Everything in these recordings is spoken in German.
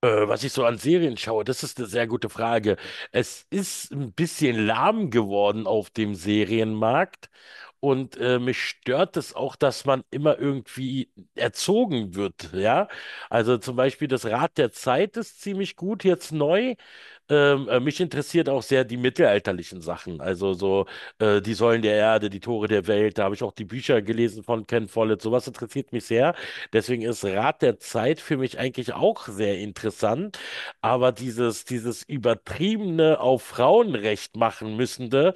Was ich so an Serien schaue, das ist eine sehr gute Frage. Es ist ein bisschen lahm geworden auf dem Serienmarkt und mich stört es auch, dass man immer irgendwie erzogen wird, ja. Also zum Beispiel, das Rad der Zeit ist ziemlich gut jetzt neu. Mich interessiert auch sehr die mittelalterlichen Sachen, also so die Säulen der Erde, die Tore der Welt, da habe ich auch die Bücher gelesen von Ken Follett, sowas interessiert mich sehr. Deswegen ist Rat der Zeit für mich eigentlich auch sehr interessant. Aber dieses übertriebene auf Frauenrecht machen müssende,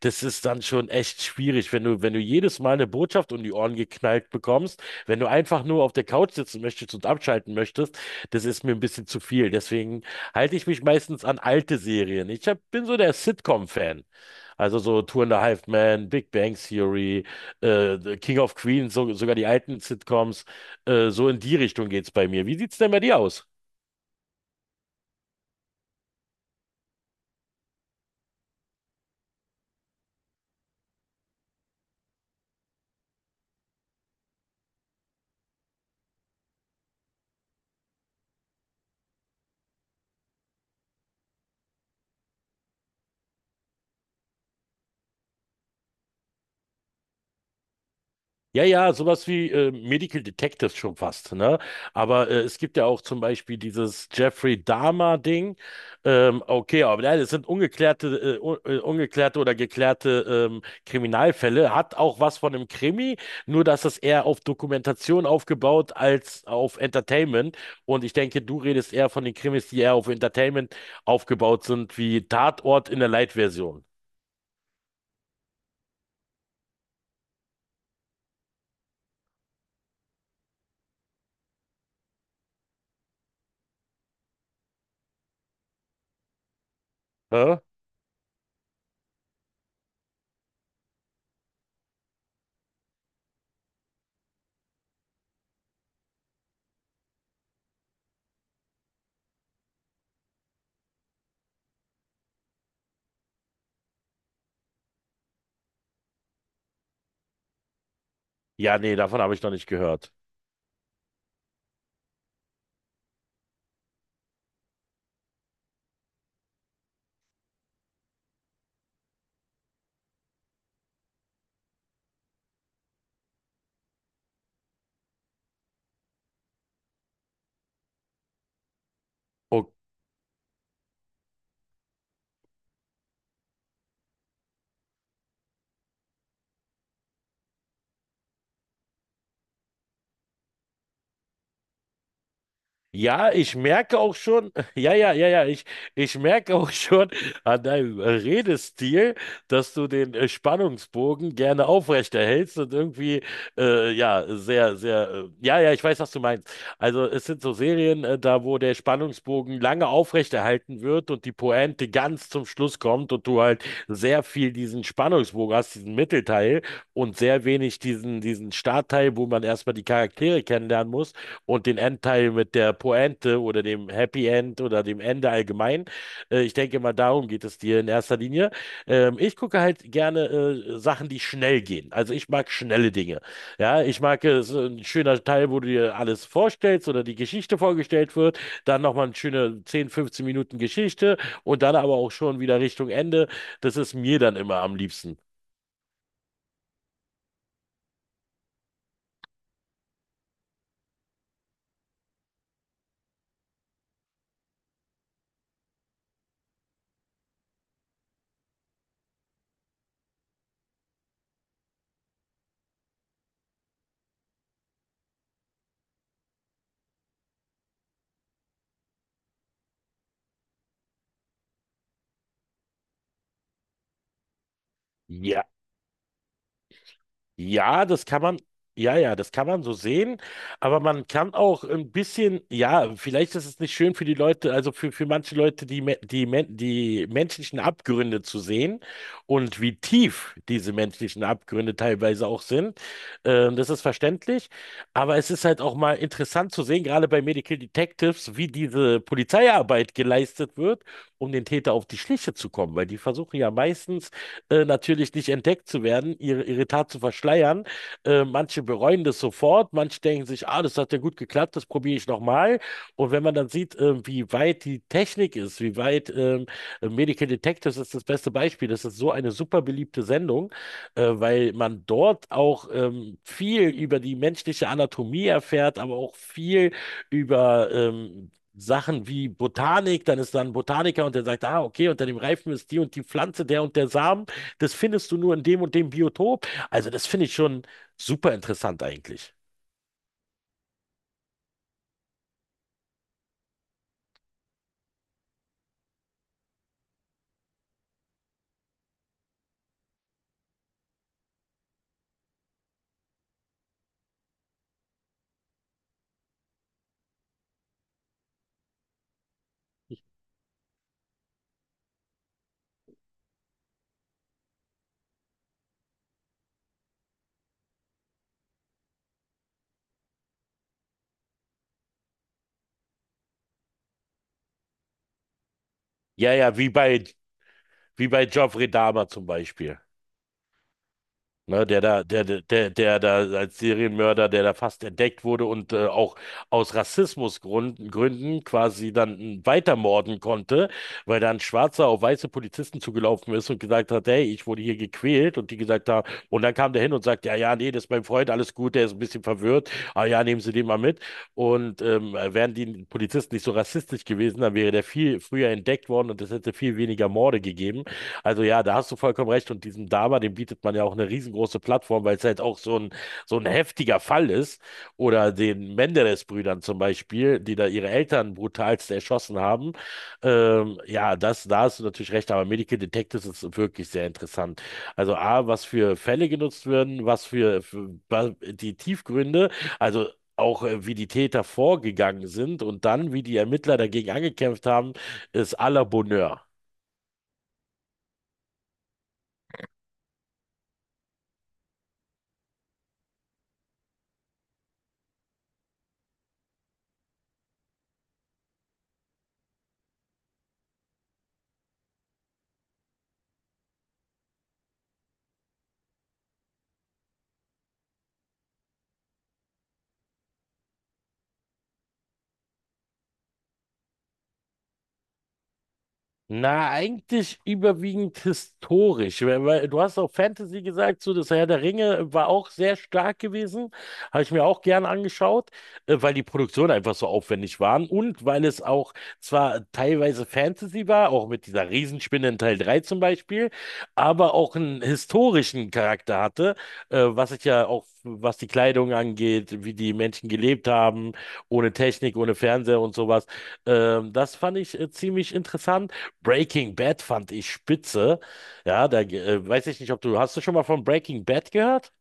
das ist dann schon echt schwierig, wenn du, wenn du jedes Mal eine Botschaft um die Ohren geknallt bekommst, wenn du einfach nur auf der Couch sitzen möchtest und abschalten möchtest, das ist mir ein bisschen zu viel. Deswegen halte ich mich meistens an alte Serien. Bin so der Sitcom-Fan. Also so Two and a Half Men, Big Bang Theory, The King of Queens, so, sogar die alten Sitcoms. So in die Richtung geht's bei mir. Wie sieht's denn bei dir aus? Ja, ja, sowas wie Medical Detectives schon fast, ne? Aber es gibt ja auch zum Beispiel dieses Jeffrey Dahmer-Ding. Okay, aber nein, das sind ungeklärte oder geklärte Kriminalfälle. Hat auch was von einem Krimi, nur dass es eher auf Dokumentation aufgebaut als auf Entertainment. Und ich denke, du redest eher von den Krimis, die eher auf Entertainment aufgebaut sind, wie Tatort in der Light-Version. Hä? Ja, nee, davon habe ich noch nicht gehört. Ja, ich merke auch schon, ich merke auch schon an deinem Redestil, dass du den Spannungsbogen gerne aufrechterhältst und ja, ja, ich weiß, was du meinst. Also es sind so Serien, da wo der Spannungsbogen lange aufrechterhalten wird und die Pointe ganz zum Schluss kommt und du halt sehr viel diesen Spannungsbogen hast, diesen Mittelteil und sehr wenig diesen Startteil, wo man erstmal die Charaktere kennenlernen muss, und den Endteil mit der Pointe oder dem Happy End oder dem Ende allgemein. Ich denke mal, darum geht es dir in erster Linie. Ich gucke halt gerne Sachen, die schnell gehen. Also ich mag schnelle Dinge. Ja, ich mag so ein schöner Teil, wo du dir alles vorstellst oder die Geschichte vorgestellt wird, dann nochmal eine schöne 10, 15 Minuten Geschichte und dann aber auch schon wieder Richtung Ende. Das ist mir dann immer am liebsten. Ja. Ja, das kann man, ja, ja, das kann man so sehen, aber man kann auch ein bisschen, ja, vielleicht ist es nicht schön für die Leute, also für manche Leute, die menschlichen Abgründe zu sehen und wie tief diese menschlichen Abgründe teilweise auch sind. Das ist verständlich, aber es ist halt auch mal interessant zu sehen, gerade bei Medical Detectives, wie diese Polizeiarbeit geleistet wird, um den Täter auf die Schliche zu kommen, weil die versuchen ja meistens, natürlich nicht entdeckt zu werden, ihre Tat zu verschleiern. Manche bereuen das sofort, manche denken sich, ah, das hat ja gut geklappt, das probiere ich nochmal. Und wenn man dann sieht, wie weit die Technik ist, wie weit Medical Detectives ist das beste Beispiel, das ist so eine super beliebte Sendung, weil man dort auch viel über die menschliche Anatomie erfährt, aber auch viel über Sachen wie Botanik, dann ist da ein Botaniker und der sagt, ah, okay, unter dem Reifen ist die und die Pflanze, der und der Samen. Das findest du nur in dem und dem Biotop. Also das finde ich schon super interessant eigentlich. Ja, ja, wie bei Joffrey Dahmer zum Beispiel. Ne, der da, der da als Serienmörder, der da fast entdeckt wurde und auch aus Rassismusgründen Gründen quasi dann weitermorden konnte, weil da ein Schwarzer auf weiße Polizisten zugelaufen ist und gesagt hat, hey, ich wurde hier gequält, und die gesagt haben, und dann kam der hin und sagt, ja, ja, nee, das ist mein Freund, alles gut, der ist ein bisschen verwirrt, ah ja, nehmen Sie den mal mit. Und wären die Polizisten nicht so rassistisch gewesen, dann wäre der viel früher entdeckt worden und es hätte viel weniger Morde gegeben. Also ja, da hast du vollkommen recht. Und diesem Dama, dem bietet man ja auch eine riesengroße Plattform, weil es halt auch so ein heftiger Fall ist. Oder den Menderes-Brüdern zum Beispiel, die da ihre Eltern brutalst erschossen haben. Ja, das, da hast du natürlich recht. Aber Medical Detectives ist wirklich sehr interessant. Also A, was für Fälle genutzt werden, was für was- die Tiefgründe. Also auch wie die Täter vorgegangen sind und dann, wie die Ermittler dagegen angekämpft haben, ist à la Bonheur. Na, eigentlich überwiegend historisch, weil, weil du hast auch Fantasy gesagt, so das Herr der Ringe war auch sehr stark gewesen, habe ich mir auch gern angeschaut, weil die Produktionen einfach so aufwendig waren und weil es auch zwar teilweise Fantasy war, auch mit dieser Riesenspinne in Teil 3 zum Beispiel, aber auch einen historischen Charakter hatte, was ich ja auch, was die Kleidung angeht, wie die Menschen gelebt haben, ohne Technik, ohne Fernseher und sowas. Das fand ich ziemlich interessant. Breaking Bad fand ich spitze. Ja, da weiß ich nicht, ob du, hast du schon mal von Breaking Bad gehört?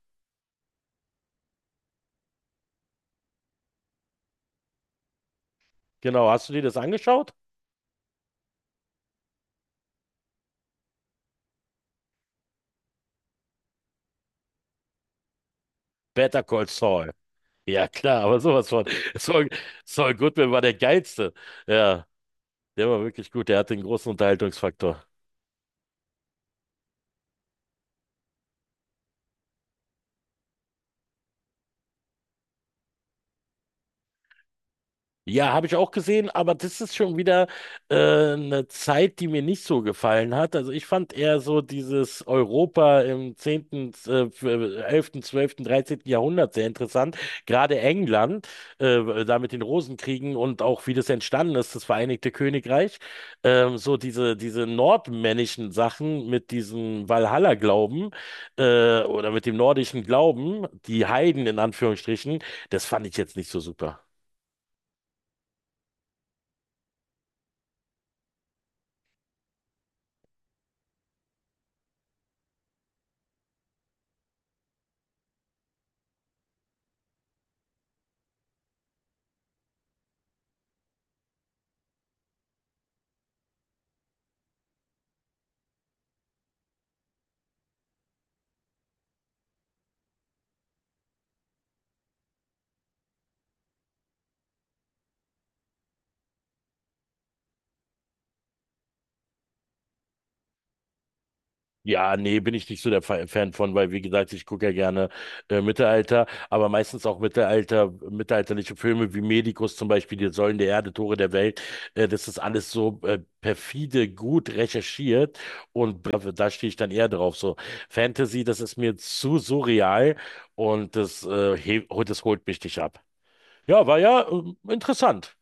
Genau, hast du dir das angeschaut? Better Call Saul. Ja, klar, aber sowas von. Saul, Saul Goodman war der geilste. Ja, der war wirklich gut. Der hatte einen großen Unterhaltungsfaktor. Ja, habe ich auch gesehen, aber das ist schon wieder äh, eine Zeit, die mir nicht so gefallen hat. Also ich fand eher so dieses Europa im 11., 12., 13. Jahrhundert sehr interessant. Gerade England, da mit den Rosenkriegen und auch wie das entstanden ist, das Vereinigte Königreich. So diese nordmännischen Sachen mit diesem Valhalla-Glauben oder mit dem nordischen Glauben, die Heiden in Anführungsstrichen, das fand ich jetzt nicht so super. Ja, nee, bin ich nicht so der Fa- Fan von, weil wie gesagt, ich gucke ja gerne Mittelalter, aber meistens auch Mittelalter, mittelalterliche Filme wie Medicus zum Beispiel, die Säulen der Erde, Tore der Welt. Das ist alles so perfide gut recherchiert und bra- da stehe ich dann eher drauf. So Fantasy, das ist mir zu surreal und das, das holt mich nicht ab. Ja, war ja interessant.